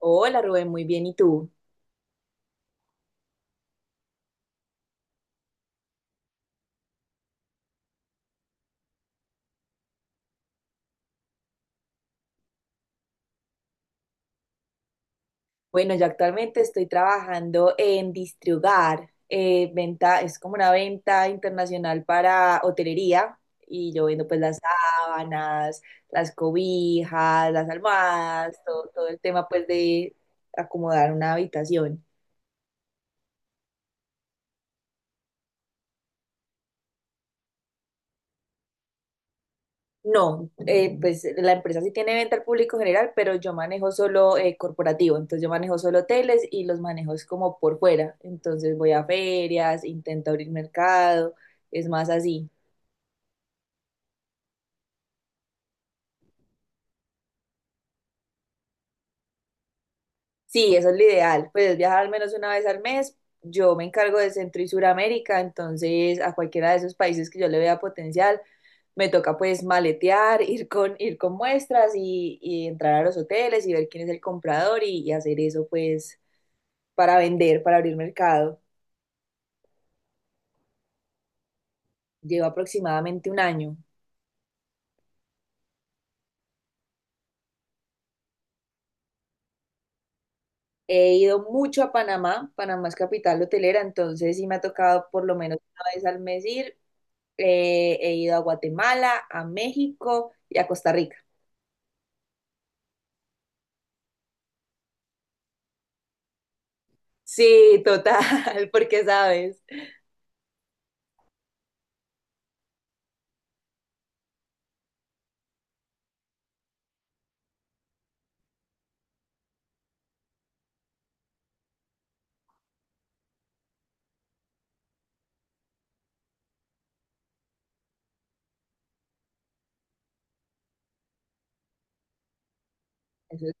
Hola Rubén, muy bien. ¿Y tú? Bueno, yo actualmente estoy trabajando en Distriugar. Venta, es como una venta internacional para hotelería y yo vendo pues las sábanas, las cobijas, las almohadas, todo el tema pues de acomodar una habitación. No, pues la empresa sí tiene venta al público general, pero yo manejo solo corporativo, entonces yo manejo solo hoteles y los manejo es como por fuera, entonces voy a ferias, intento abrir mercado, es más así. Sí, eso es lo ideal, pues es viajar al menos una vez al mes, yo me encargo de Centro y Suramérica, entonces a cualquiera de esos países que yo le vea potencial, me toca pues maletear, ir con muestras y entrar a los hoteles y ver quién es el comprador y hacer eso pues para vender, para abrir mercado. Llevo aproximadamente un año. He ido mucho a Panamá, Panamá es capital hotelera, entonces sí me ha tocado por lo menos una vez al mes ir. He ido a Guatemala, a México y a Costa Rica. Sí, total, porque sabes. Eso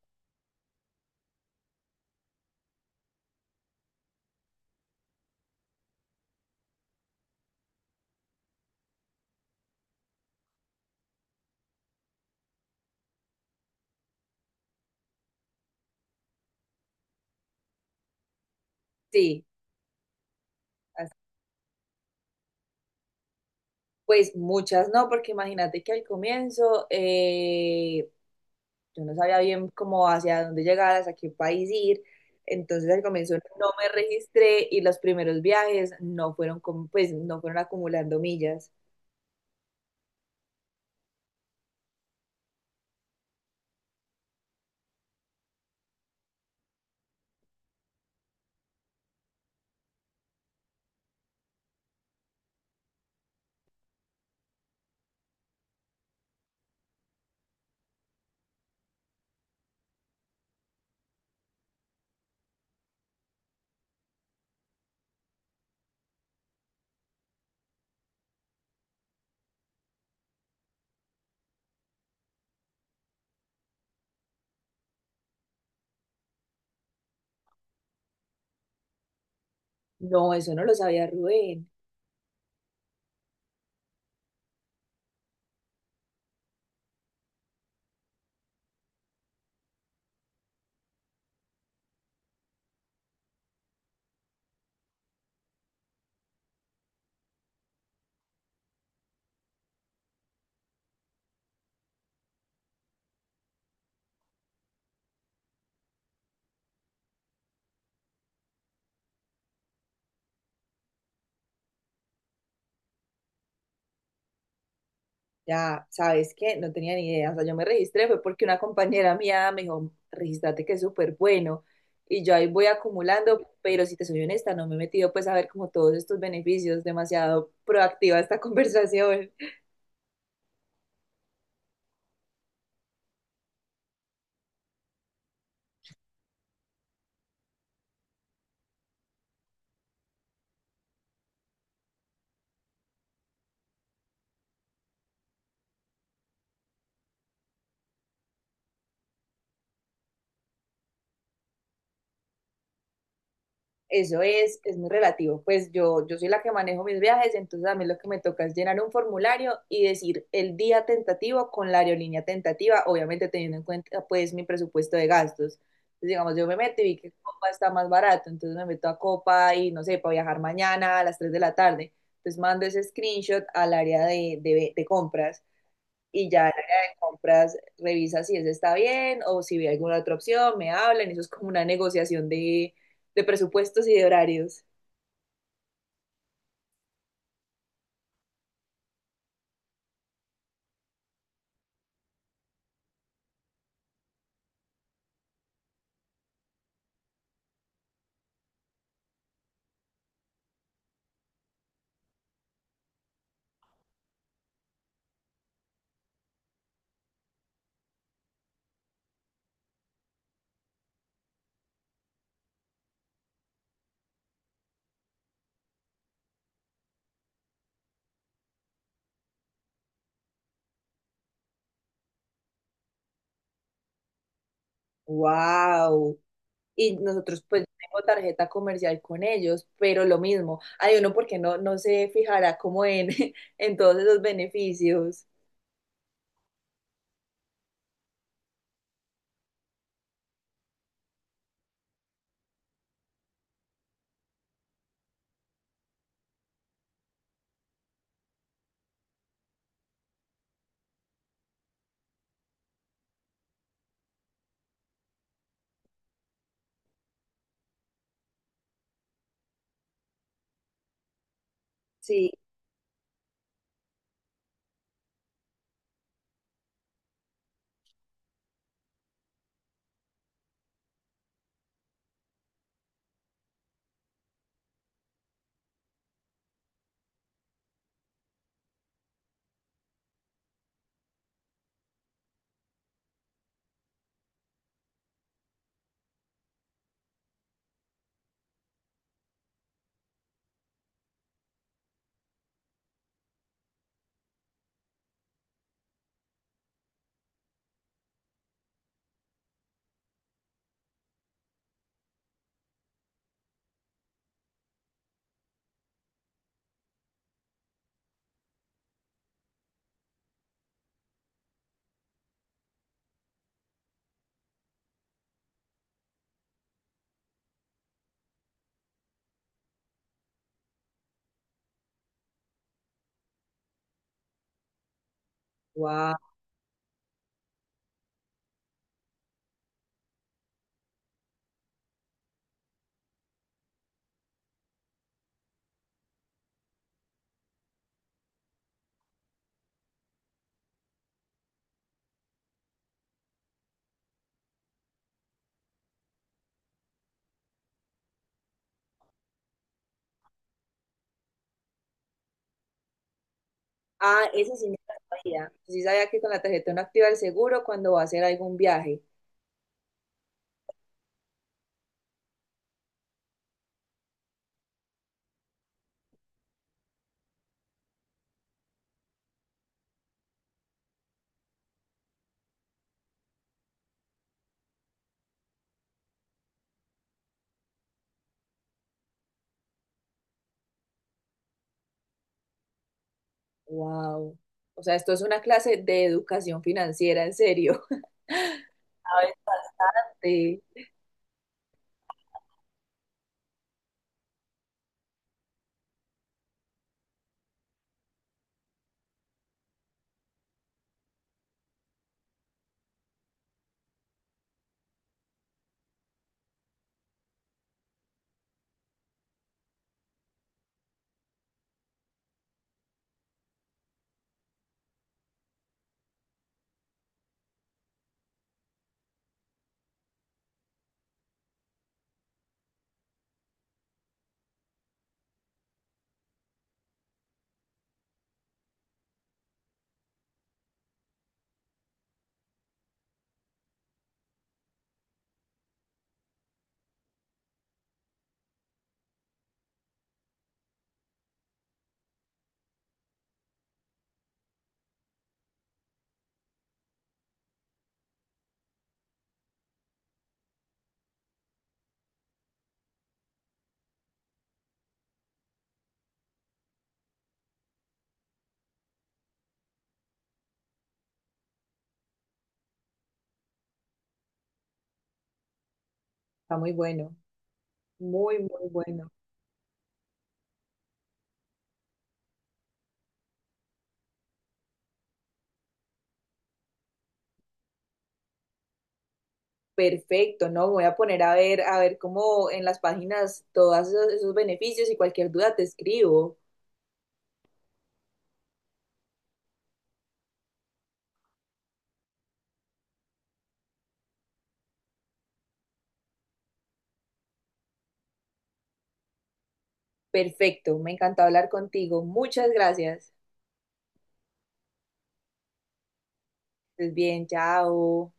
sí, pues muchas no, porque imagínate que al comienzo yo no sabía bien cómo hacia dónde llegar, hacia qué país ir. Entonces al comienzo no me registré y los primeros viajes no fueron como, pues no fueron acumulando millas. No, eso no lo sabía, Rubén. Ya, ¿sabes qué? No tenía ni idea. O sea, yo me registré fue porque una compañera mía me dijo, regístrate que es súper bueno. Y yo ahí voy acumulando, pero si te soy honesta, no me he metido pues a ver como todos estos beneficios. Demasiado proactiva esta conversación. Eso es muy relativo. Pues yo soy la que manejo mis viajes, entonces a mí lo que me toca es llenar un formulario y decir el día tentativo con la aerolínea tentativa, obviamente teniendo en cuenta pues mi presupuesto de gastos. Entonces, digamos, yo me meto y vi que Copa está más barato, entonces me meto a Copa y no sé, para viajar mañana a las 3 de la tarde. Entonces mando ese screenshot al área de compras, y ya en el área de compras revisa si ese está bien o si ve alguna otra opción, me hablan, eso es como una negociación de presupuestos y de horarios. ¡Wow! Y nosotros pues tengo tarjeta comercial con ellos, pero lo mismo, hay uno porque no, no se fijará como en, en todos esos beneficios. Sí, wow. Ah, ese sí me lo sabía. Sí sabía que con la tarjeta uno activa el seguro cuando va a hacer algún viaje. Wow. O sea, esto es una clase de educación financiera, en serio. A sí, está muy bueno, muy, muy bueno. Perfecto, ¿no? Voy a poner a ver cómo en las páginas todos esos, esos beneficios y cualquier duda te escribo. Perfecto, me encantó hablar contigo. Muchas gracias. Estés bien, chao.